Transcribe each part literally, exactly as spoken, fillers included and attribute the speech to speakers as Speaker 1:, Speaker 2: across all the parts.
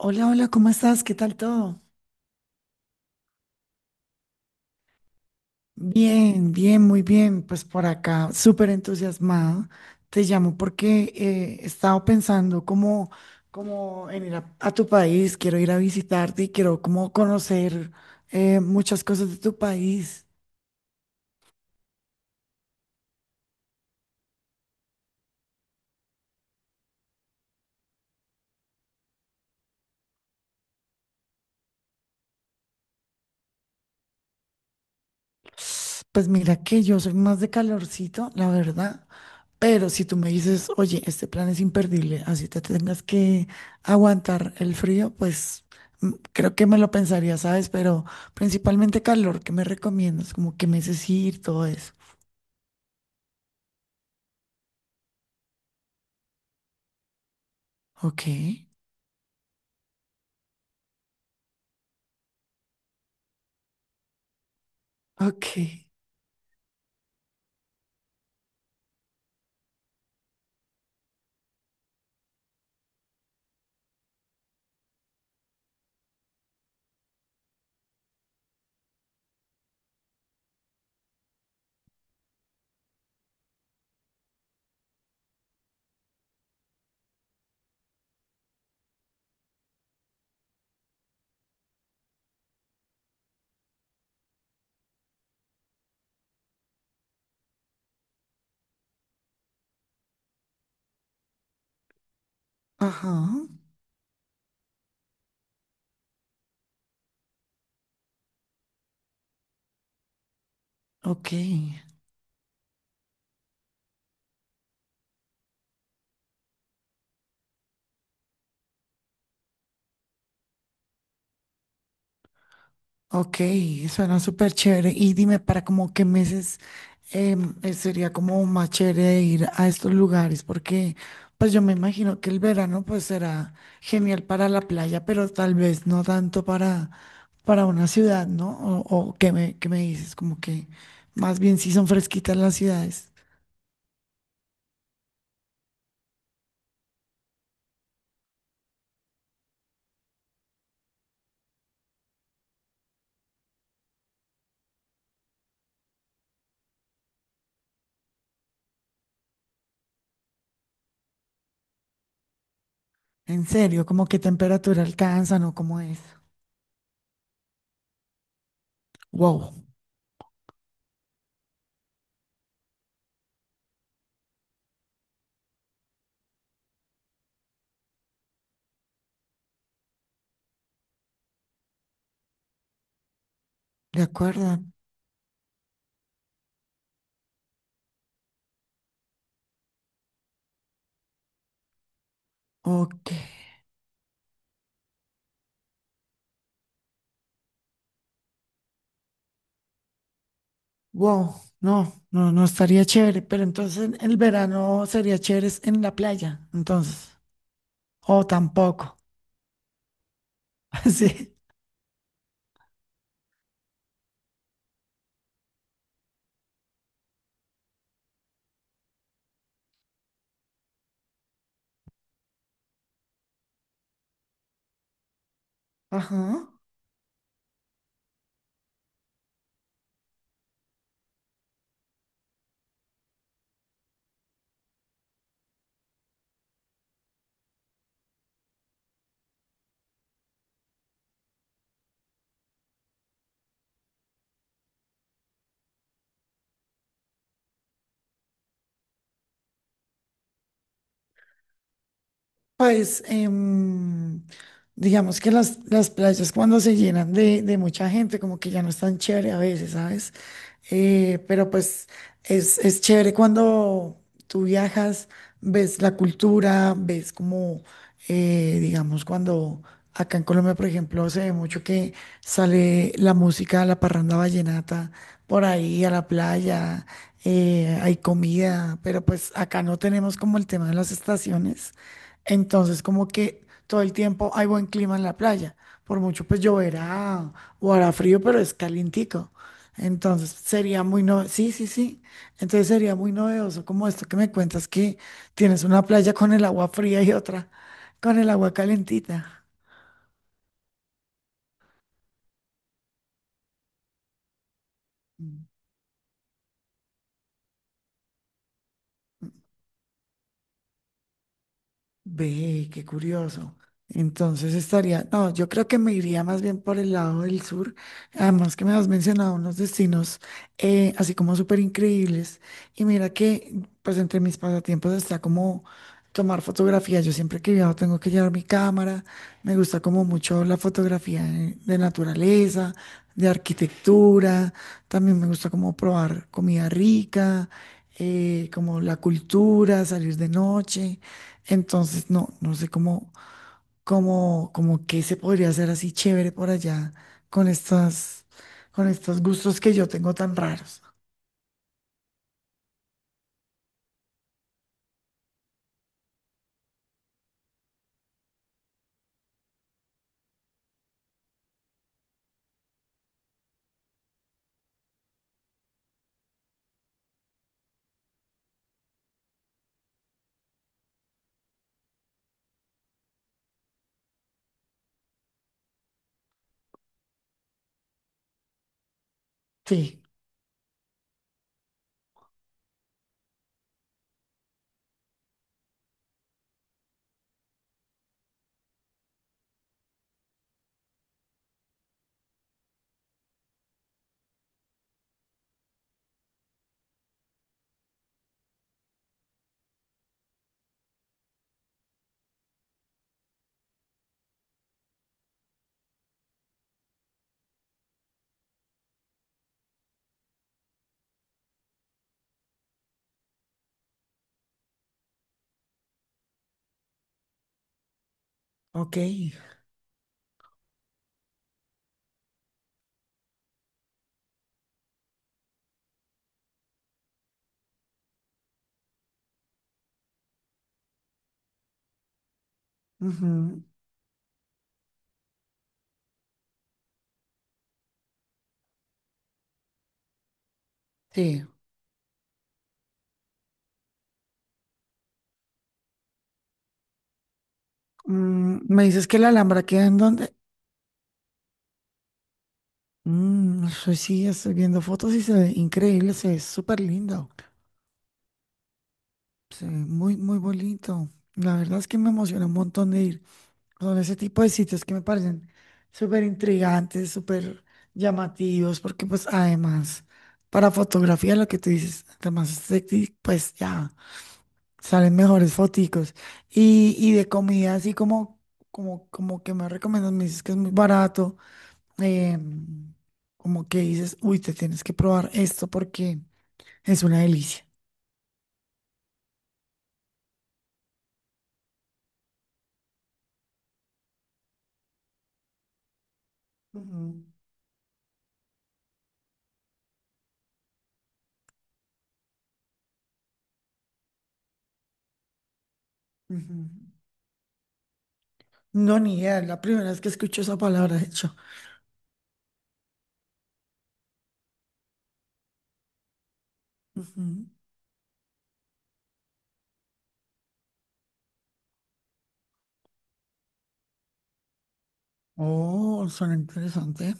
Speaker 1: Hola, hola, ¿cómo estás? ¿Qué tal todo? Bien, bien, muy bien. Pues por acá, súper entusiasmada. Te llamo porque eh, he estado pensando como, como en ir a, a tu país, quiero ir a visitarte y quiero como conocer eh, muchas cosas de tu país. Pues mira que yo soy más de calorcito, la verdad. Pero si tú me dices, oye, este plan es imperdible, así te tengas que aguantar el frío, pues mm, creo que me lo pensaría, ¿sabes? Pero principalmente calor, ¿qué me recomiendas? Como qué meses ir, todo eso. Ok, ok, ajá, ok. Ok, suena súper chévere. Y dime, ¿para como qué meses em, eh, sería como más chévere ir a estos lugares? Porque pues yo me imagino que el verano pues será genial para la playa, pero tal vez no tanto para, para una ciudad, ¿no? O, o qué me, qué me dices, como que más bien si son fresquitas las ciudades. En serio, ¿como qué temperatura alcanzan o cómo es? Wow, de acuerdo. Ok. Wow, no, no, no estaría chévere, pero entonces en el verano sería chévere es en la playa, entonces, o tampoco, sí, ajá, pues em, digamos que las, las playas cuando se llenan de, de mucha gente, como que ya no es tan chévere a veces, ¿sabes? Eh, pero pues es, es chévere cuando tú viajas, ves la cultura, ves como, eh, digamos, cuando acá en Colombia, por ejemplo, se ve mucho que sale la música, la parranda vallenata, por ahí a la playa, eh, hay comida, pero pues acá no tenemos como el tema de las estaciones. Entonces, como que todo el tiempo hay buen clima en la playa. Por mucho pues lloverá o hará frío, pero es calientico. Entonces, sería muy no... Sí, sí, sí. Entonces sería muy novedoso como esto que me cuentas, que tienes una playa con el agua fría y otra con el agua calentita. Ve, qué curioso. Entonces estaría, no, yo creo que me iría más bien por el lado del sur. Además que me has mencionado unos destinos eh, así como súper increíbles. Y mira que pues entre mis pasatiempos está como tomar fotografía. Yo siempre que viajo tengo que llevar mi cámara. Me gusta como mucho la fotografía de, de naturaleza, de arquitectura. También me gusta como probar comida rica, eh, como la cultura, salir de noche. Entonces, no, no sé cómo, cómo, cómo qué se podría hacer así chévere por allá con estas, con estos gustos que yo tengo tan raros. Sí, ok. Ujú, sí. Mm, ¿me dices que la Alhambra queda en dónde? Mm, eso sí, estoy viendo fotos y se ve increíble, se ve súper lindo. Se ve muy, muy bonito. La verdad es que me emociona un montón de ir. Son ese tipo de sitios que me parecen súper intrigantes, súper llamativos, porque pues además para fotografía lo que tú dices, además es sexy, pues ya salen mejores foticos. Y, y de comida así como, como, como que me recomiendas, me dices que es muy barato, eh, como que dices, uy, te tienes que probar esto porque es una delicia. Ujú, ujú. No, ni idea, es la primera vez que escucho esa palabra, de hecho. Ujú. Oh, suena interesante.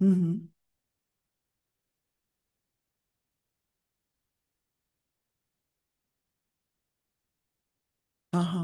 Speaker 1: Ujú. Ajá.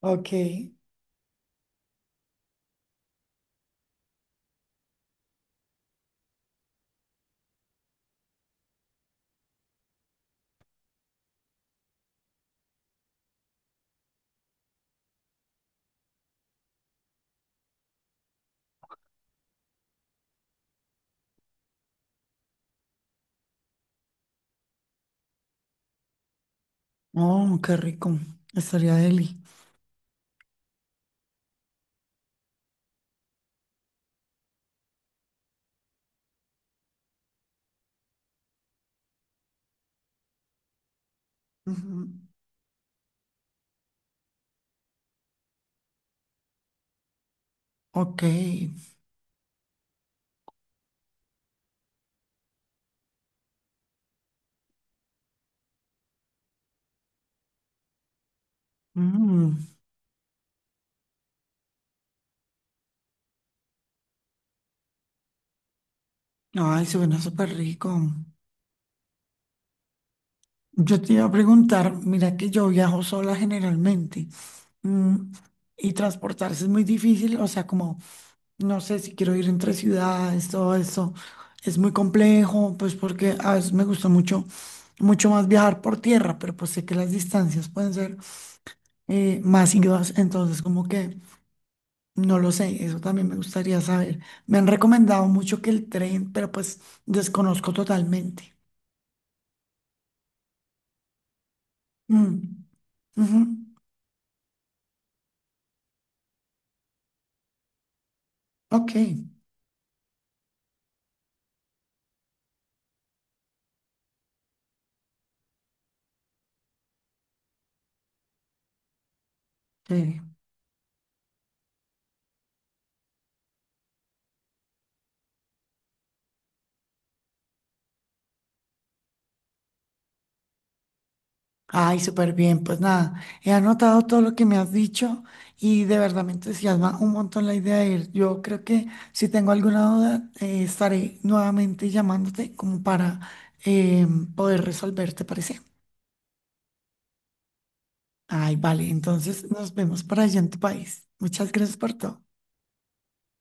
Speaker 1: Ok. Oh, qué rico. Estaría deli. Ujú. Ok. Mm. Ay, suena súper rico. Yo te iba a preguntar, mira que yo viajo sola generalmente. mm, Y transportarse es muy difícil, o sea, como, no sé si quiero ir entre ciudades, todo eso es muy complejo, pues porque a veces me gusta mucho, mucho más viajar por tierra, pero pues sé que las distancias pueden ser eh, más ingresos. Entonces, como que no lo sé, eso también me gustaría saber. Me han recomendado mucho que el tren, pero pues desconozco totalmente. Mm, ujú, ok, chévere. Ay, súper bien. Pues nada, he anotado todo lo que me has dicho y de verdad me entusiasma un montón la idea de ir. Yo creo que si tengo alguna duda, eh, estaré nuevamente llamándote como para eh, poder resolver, ¿te parece? Ay, vale, entonces nos vemos por allá en tu país. Muchas gracias por todo.